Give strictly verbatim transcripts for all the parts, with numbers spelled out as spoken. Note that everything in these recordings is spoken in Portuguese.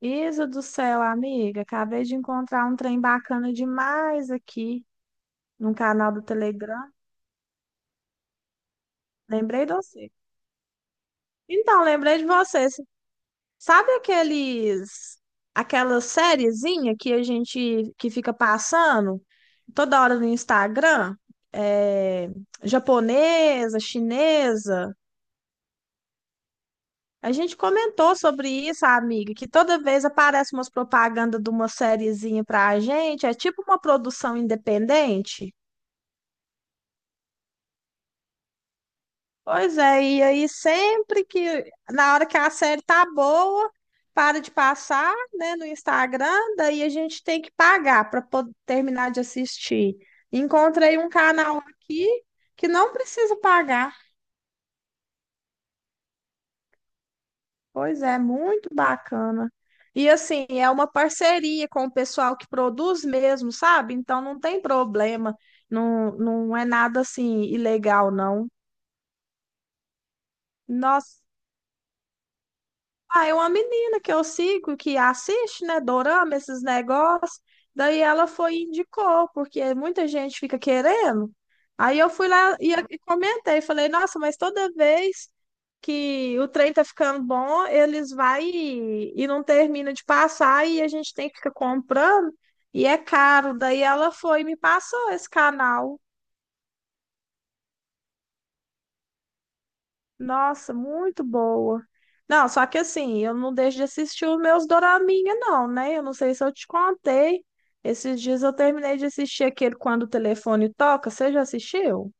Isa do céu, amiga, acabei de encontrar um trem bacana demais aqui no canal do Telegram. Lembrei de você. Então, lembrei de você. Sabe aqueles aquela sériezinha que a gente que fica passando toda hora no Instagram? É, japonesa, chinesa. A gente comentou sobre isso, amiga, que toda vez aparece umas propagandas de uma sériezinha pra gente, é tipo uma produção independente. Pois é, e aí sempre que, na hora que a série tá boa, para de passar, né, no Instagram, daí a gente tem que pagar para poder terminar de assistir. Encontrei um canal aqui que não precisa pagar. Pois é, muito bacana. E assim, é uma parceria com o pessoal que produz mesmo, sabe? Então não tem problema, não, não é nada assim ilegal, não. Nossa. Ah, é uma menina que eu sigo, que assiste, né, dorama, esses negócios. Daí ela foi e indicou, porque muita gente fica querendo. Aí eu fui lá e, e comentei, falei, nossa, mas toda vez que o trem tá ficando bom, eles vai e, e não termina de passar e a gente tem que ficar comprando e é caro. Daí ela foi e me passou esse canal. Nossa, muito boa. Não, só que assim, eu não deixo de assistir os meus doraminha, não, né? Eu não sei se eu te contei. Esses dias eu terminei de assistir aquele Quando o Telefone Toca. Você já assistiu?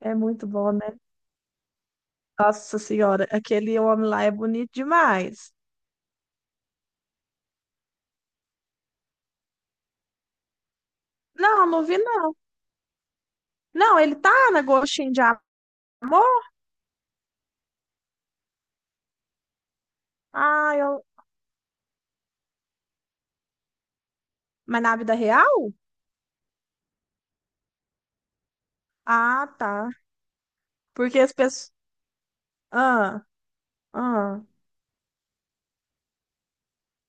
É muito bom, né? Nossa Senhora, aquele homem lá é bonito demais. Não, não vi, não. Não, ele tá na Gostinho de Amor? Ah, eu... Mas na vida real? Ah, tá. Porque as pessoas... Ah, ah.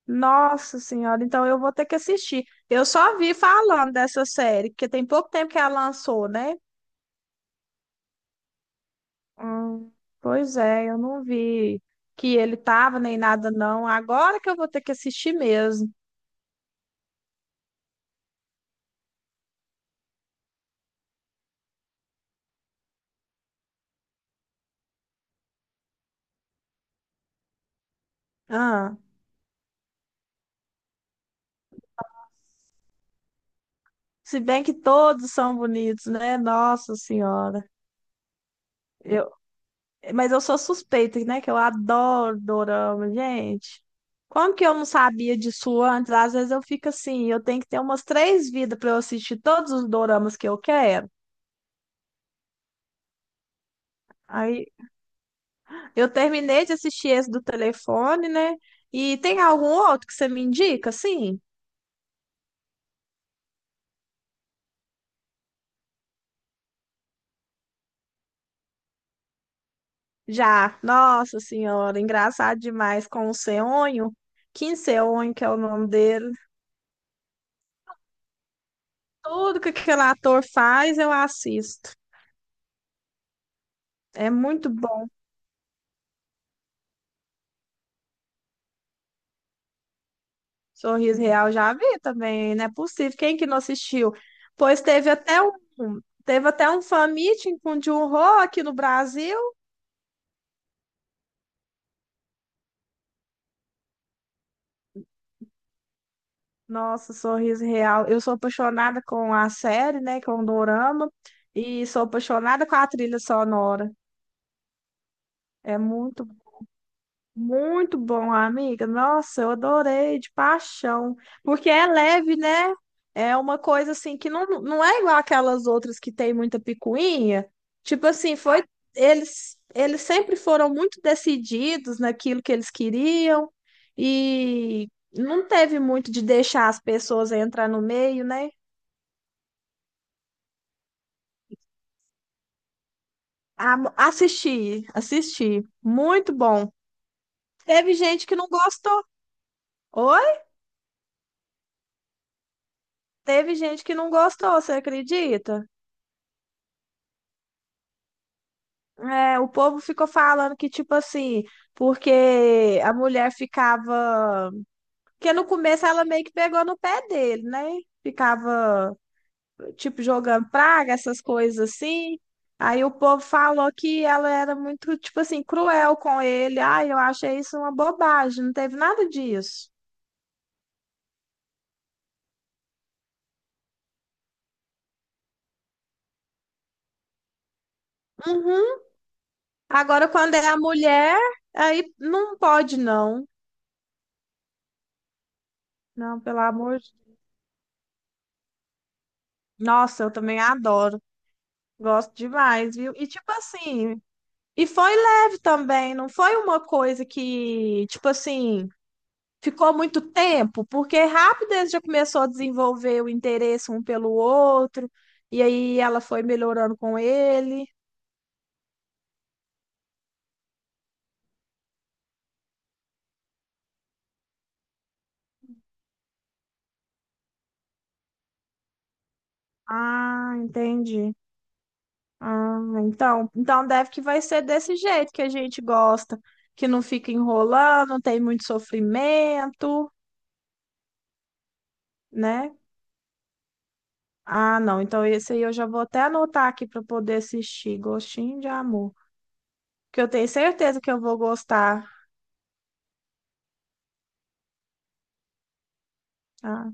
Nossa Senhora, então eu vou ter que assistir. Eu só vi falando dessa série, porque tem pouco tempo que ela lançou, né? Hum, Pois é, eu não vi que ele tava nem nada, não. Agora que eu vou ter que assistir mesmo. Ah, se bem que todos são bonitos, né? Nossa Senhora. Eu, mas eu sou suspeita, né? Que eu adoro dorama, gente. Como que eu não sabia disso antes? Às vezes eu fico assim, eu tenho que ter umas três vidas para eu assistir todos os doramas que eu quero. Aí eu terminei de assistir esse do telefone, né? E tem algum outro que você me indica, assim? Já, Nossa Senhora, engraçado demais com o Seonho, Kim Seonho, que é o nome dele. Tudo que aquele ator faz, eu assisto. É muito bom. Sorriso Real já vi também, não é possível. Quem que não assistiu? Pois teve até um, teve até um fan meeting com o Jun-ho aqui no Brasil. Nossa, Sorriso Real. Eu sou apaixonada com a série, né? Com o Dorama. E sou apaixonada com a trilha sonora. É muito, muito bom, amiga. Nossa, eu adorei, de paixão. Porque é leve, né? É uma coisa assim que não, não é igual aquelas outras que tem muita picuinha. Tipo assim, foi. Eles, eles sempre foram muito decididos naquilo que eles queriam. E não teve muito de deixar as pessoas entrar no meio, né? Ah, assisti, assisti. Muito bom. Teve gente que não gostou. Oi? Teve gente que não gostou, você acredita? É, o povo ficou falando que, tipo assim, porque a mulher ficava. Porque no começo ela meio que pegou no pé dele, né? Ficava, tipo, jogando praga, essas coisas assim. Aí o povo falou que ela era muito, tipo assim, cruel com ele. Ai, eu achei isso uma bobagem, não teve nada disso. Uhum. Agora, quando é a mulher, aí não pode, não. Não, pelo amor de Deus. Nossa, eu também adoro. Gosto demais, viu? E tipo assim, e foi leve também, não foi uma coisa que, tipo assim, ficou muito tempo, porque rápido eles já começou a desenvolver o interesse um pelo outro, e aí ela foi melhorando com ele. Ah, entendi. Ah, então, então deve que vai ser desse jeito que a gente gosta, que não fica enrolando, não tem muito sofrimento, né? Ah, não, então esse aí eu já vou até anotar aqui para poder assistir, Gostinho de Amor, que eu tenho certeza que eu vou gostar. Ah,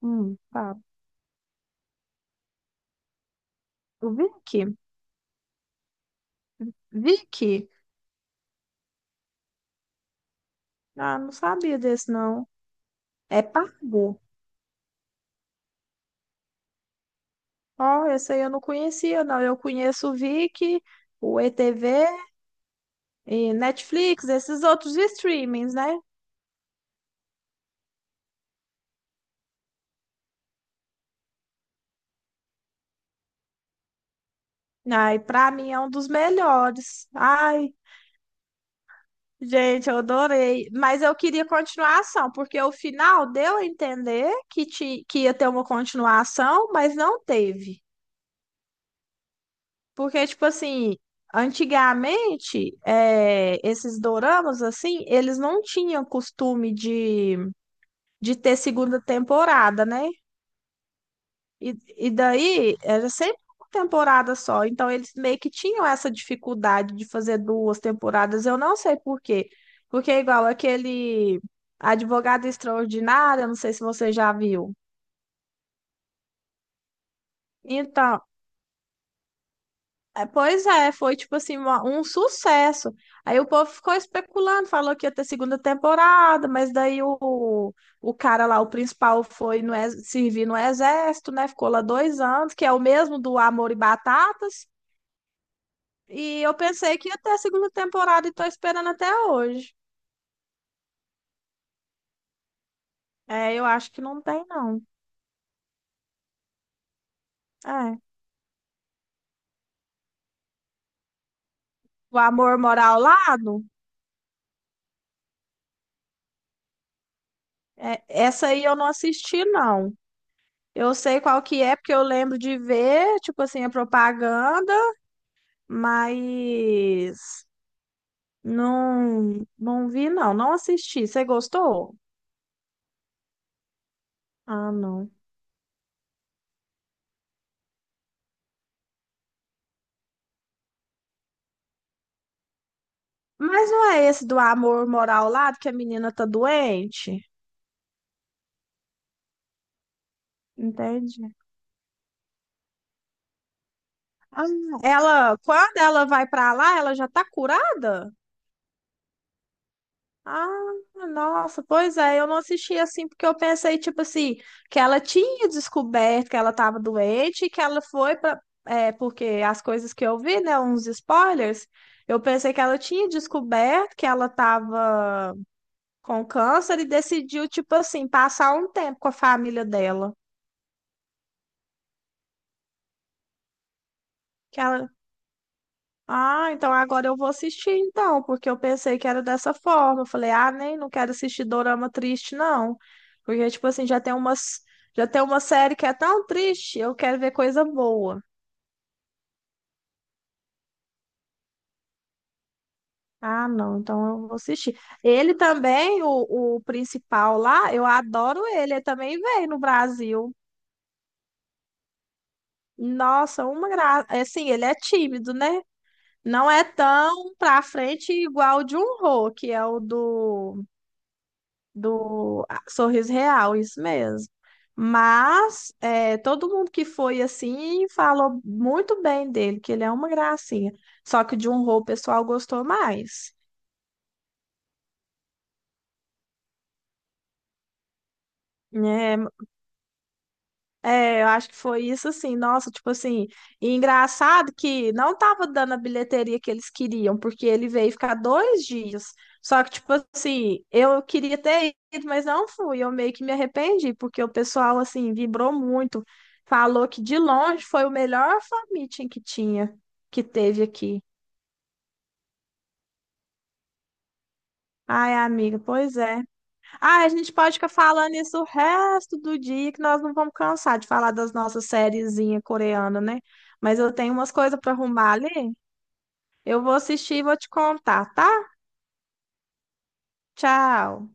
hum, tá. O Vicky, Vicky, ah, não sabia desse não. É pago. Ó, esse aí eu não conhecia, não. Eu conheço o Vicky, o E T V e Netflix, esses outros streamings, né? Ai, pra mim é um dos melhores. Ai, gente, eu adorei. Mas eu queria continuação, porque o final deu a entender que, ti- que ia ter uma continuação, mas não teve. Porque, tipo assim, antigamente, é, esses doramas, assim, eles não tinham costume de, de, ter segunda temporada, né? E, e daí era sempre uma temporada só, então eles meio que tinham essa dificuldade de fazer duas temporadas, eu não sei por quê. Porque é igual aquele Advogada Extraordinária, não sei se você já viu. Então, é, pois é, foi tipo assim, uma- um sucesso. Aí o povo ficou especulando, falou que ia ter segunda temporada, mas daí o, o cara lá, o principal, foi no, ex- servir no exército, né? Ficou lá dois anos, que é o mesmo do Amor e Batatas. E eu pensei que ia ter a segunda temporada e tô esperando até hoje. É, eu acho que não tem, não. É. O Amor Mora ao Lado, é, essa aí eu não assisti, não. Eu sei qual que é, porque eu lembro de ver, tipo assim, a propaganda, mas não, não vi, não. Não assisti. Você gostou? Ah, não. Mas não é esse do Amor Mora ao Lado que a menina tá doente? Entendi. Ah, Ela, quando ela vai pra lá, ela já tá curada? Ah, nossa, pois é, eu não assisti assim porque eu pensei, tipo assim, que ela tinha descoberto que ela tava doente e que ela foi pra. É, porque as coisas que eu vi, né, uns spoilers, eu pensei que ela tinha descoberto que ela tava com câncer e decidiu, tipo assim, passar um tempo com a família dela. que ela, Ah, então agora eu vou assistir então, porque eu pensei que era dessa forma. Eu falei, ah, nem, não quero assistir dorama triste, não. Porque, tipo assim, já tem umas, já tem uma série que é tão triste, eu quero ver coisa boa. Ah, não, então eu vou assistir. Ele também, o, o, principal lá, eu adoro ele, ele também veio no Brasil. Nossa, uma graça. Assim, ele é tímido, né? Não é tão pra frente igual o Jun-ho, que é o do do ah, Sorriso Real, isso mesmo. Mas é, todo mundo que foi assim falou muito bem dele, que ele é uma gracinha. Só que de um rol o pessoal gostou mais, né? É, eu acho que foi isso assim, nossa, tipo assim, e engraçado que não tava dando a bilheteria que eles queriam, porque ele veio ficar dois dias. Só que, tipo assim, eu queria ter ido, mas não fui. Eu meio que me arrependi, porque o pessoal, assim, vibrou muito. Falou que de longe foi o melhor fan meeting que tinha, que teve aqui. Ai, amiga, pois é. Ah, a gente pode ficar falando isso o resto do dia, que nós não vamos cansar de falar das nossas sériezinhas coreanas, né? Mas eu tenho umas coisas para arrumar ali. Eu vou assistir e vou te contar, tá? Tchau.